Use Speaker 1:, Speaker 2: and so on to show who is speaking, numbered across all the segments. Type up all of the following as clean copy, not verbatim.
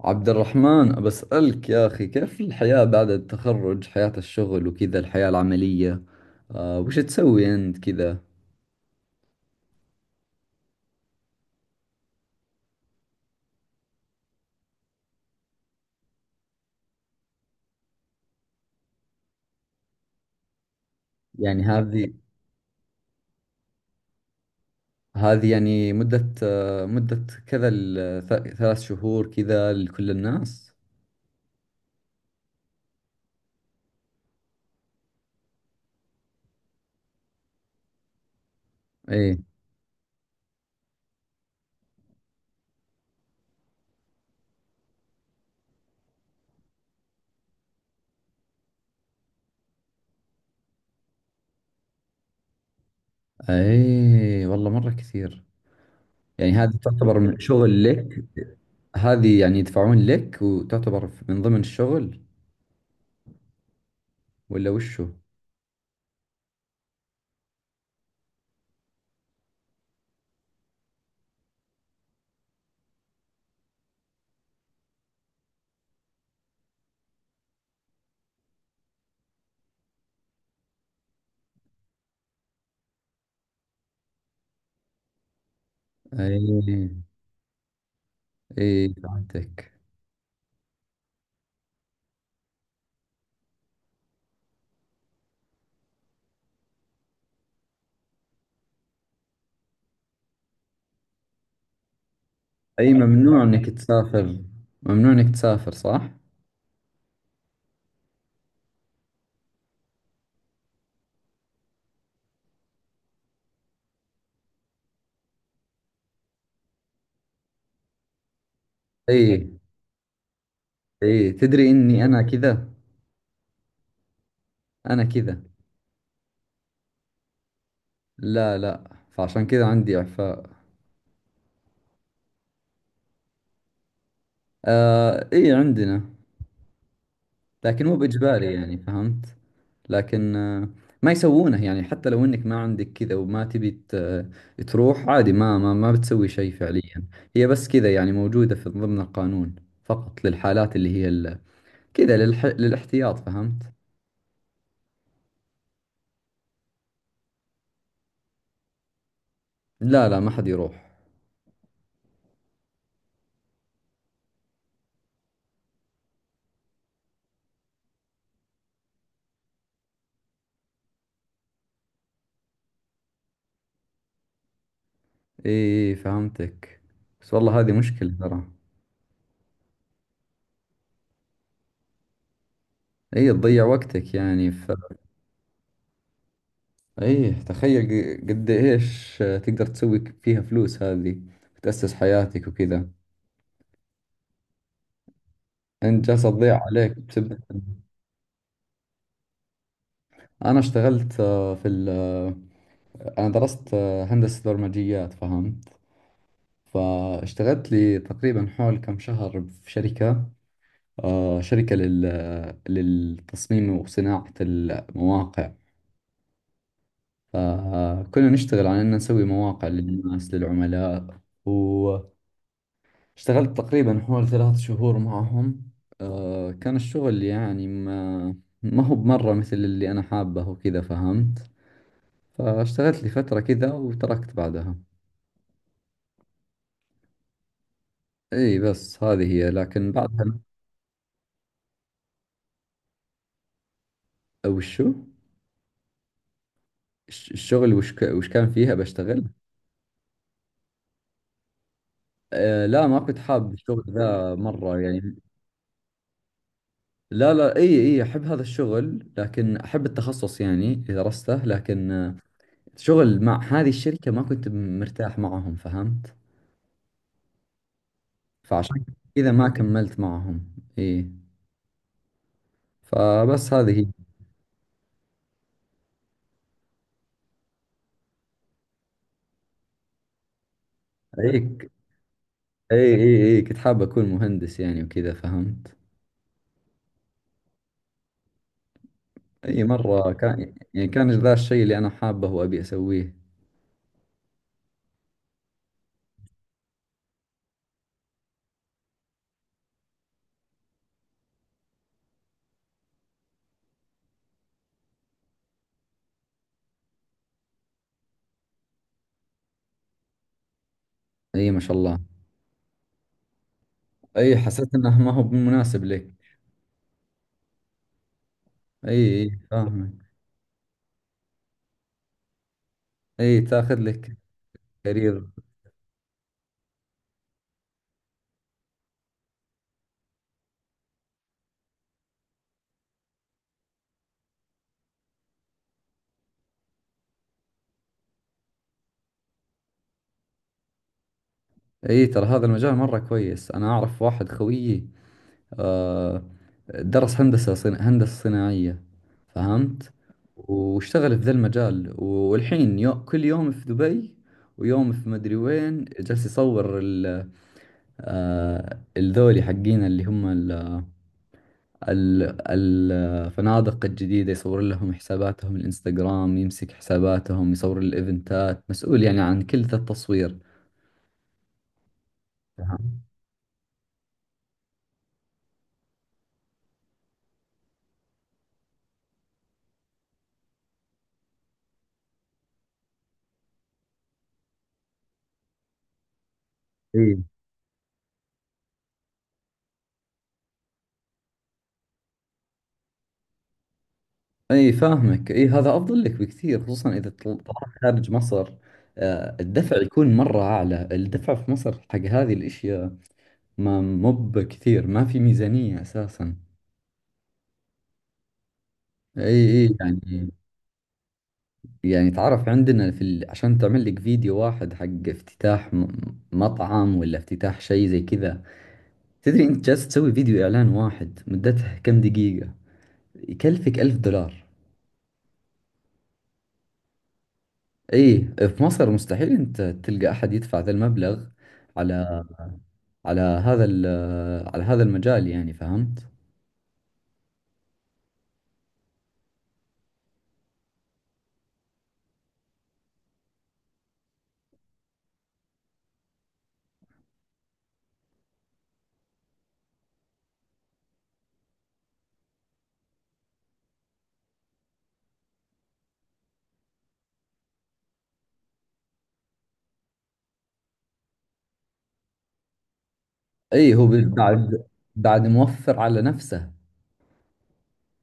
Speaker 1: عبد الرحمن بسألك يا أخي كيف الحياة بعد التخرج، حياة الشغل وكذا، الحياة العملية. وش تسوي أنت كذا؟ يعني هذه يعني مدة، مدة كذا، 3 شهور كذا لكل الناس؟ إيه. إيه والله مرة كثير. يعني هذه تعتبر من شغل لك؟ هذه يعني يدفعون لك وتعتبر من ضمن الشغل ولا وشو؟ إيه. إيه، فهمتك. اي، ممنوع انك تسافر، ممنوع انك تسافر، صح. اي اي، تدري اني انا كذا، انا كذا. لا لا، فعشان كذا عندي اعفاء. آه، اي، عندنا، لكن مو باجباري، يعني فهمت. لكن ما يسوونه، يعني حتى لو انك ما عندك كذا وما تبي تروح عادي، ما بتسوي شيء فعليا. هي بس كذا، يعني موجودة في ضمن القانون فقط للحالات اللي هي كذا، للاحتياط، فهمت. لا لا، ما حد يروح. اي فهمتك. بس والله هذه مشكلة ترى. اي، تضيع وقتك يعني، اي تخيل قد ايش تقدر تسوي فيها فلوس هذه، تأسس حياتك وكذا، انت جالسة تضيع عليك بسبب. انا اشتغلت، آه، في ال... آه، انا درست، هندسة برمجيات، فهمت. فاشتغلت لي تقريبا حول كم شهر في شركة، شركة للتصميم وصناعة المواقع. فكنا نشتغل على أن نسوي مواقع للناس، للعملاء. واشتغلت تقريبا حوالي 3 شهور معهم. كان الشغل يعني ما هو بمرة مثل اللي أنا حابه وكذا، فهمت. فاشتغلت لي فترة كذا وتركت بعدها. اي بس هذه هي، لكن بعدها وشو؟ الشغل، وش وش كان فيها بشتغل؟ آه لا، ما كنت حاب الشغل ذا مرة يعني. لا لا، اي اي، احب هذا الشغل، لكن احب التخصص يعني اللي درسته، لكن شغل مع هذه الشركة ما كنت مرتاح معهم، فهمت. فعشان كذا ما كملت معهم. اي، فبس هذه هي. اي اي اي اي، كنت حاب اكون مهندس يعني وكذا، فهمت. اي، مرة كان يعني كان ذا الشيء اللي انا حابه وابي اسويه. اي ما شاء الله. اي، حسيت انه ما هو مناسب لك. اي اي فاهمك. اي، تاخذ لك كارير. اي، ترى هذا المجال مرة كويس. انا اعرف واحد خويي، آه، درس هندسة صناعية، فهمت. واشتغل في ذا المجال، والحين كل يوم في دبي، ويوم في مدري وين، جالس يصور ال... آه، الذولي حقين اللي هم ال... الفنادق الجديدة، يصور لهم حساباتهم الانستغرام، يمسك حساباتهم، يصور الايفنتات، مسؤول يعني عن كل ذا التصوير، فهمت. إيه. اي فاهمك. اي هذا افضل لك بكثير، خصوصا اذا طلعت خارج مصر. الدفع يكون مرة اعلى. الدفع في مصر حق هذه الاشياء ما مب كثير، ما في ميزانية اساسا. اي اي يعني. يعني تعرف عندنا عشان تعمل لك فيديو واحد حق افتتاح مطعم، ولا افتتاح شيء زي كذا، تدري انت جالس تسوي فيديو اعلان واحد مدته كم دقيقة يكلفك 1000 دولار. اي، في مصر مستحيل انت تلقى احد يدفع ذا المبلغ على، على هذا على هذا المجال يعني، فهمت؟ اي، هو بعد، بعد موفر على نفسه.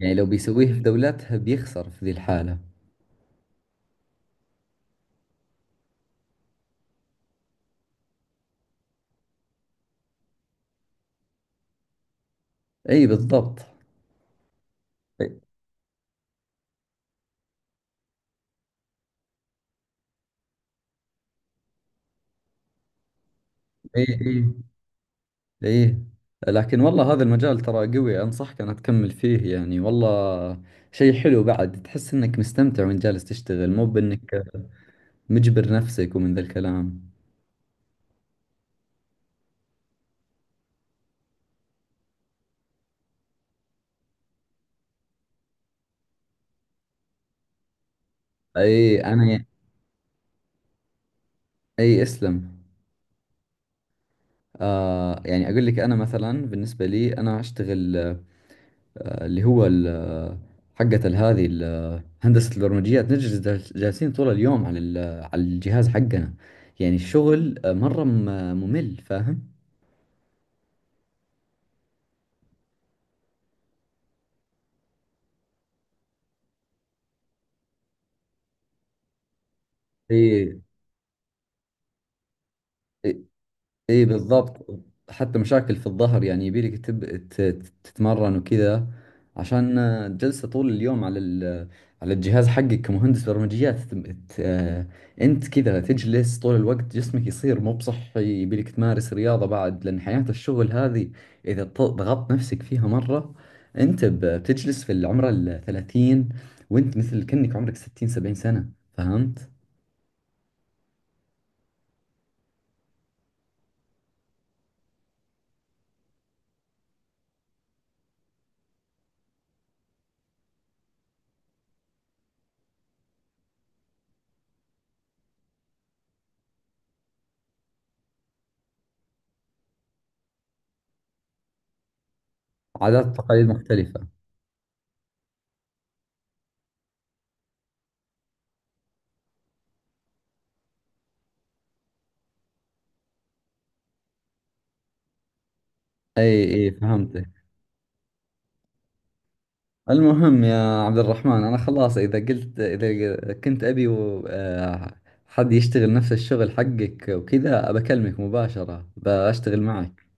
Speaker 1: يعني لو بيسويه في دولتها بيخسر في ذي الحالة. اي بالضبط. اي اي اي. لكن والله هذا المجال ترى قوي، انصحك انا تكمل فيه يعني. والله شيء حلو بعد، تحس انك مستمتع وانت جالس تشتغل، مو بانك مجبر نفسك ومن ذا الكلام. اي انا. اي اسلم. يعني اقول لك، انا مثلا بالنسبة لي، انا اشتغل اللي هو حقت هندسة البرمجيات، نجلس جالسين طول اليوم على على الجهاز حقنا، يعني الشغل مرة ممل، فاهم؟ ايه. اي بالضبط. حتى مشاكل في الظهر، يعني يبيلك تتمرن وكذا، عشان جلسة طول اليوم على الجهاز حقك كمهندس برمجيات، تم- ت... آه، انت كذا تجلس طول الوقت، جسمك يصير مو بصحي، يبيلك تمارس رياضة بعد، لأن حياة الشغل هذه إذا ضغطت نفسك فيها مرة، انت بتجلس في العمر الثلاثين، وانت مثل كأنك عمرك 60 70 سنة، فهمت؟ عادات وتقاليد مختلفة. اي اي فهمتك. المهم يا عبد الرحمن، أنا خلاص، إذا قلت، إذا كنت أبي حد يشتغل نفس الشغل حقك وكذا، بكلمك مباشرة بشتغل معك.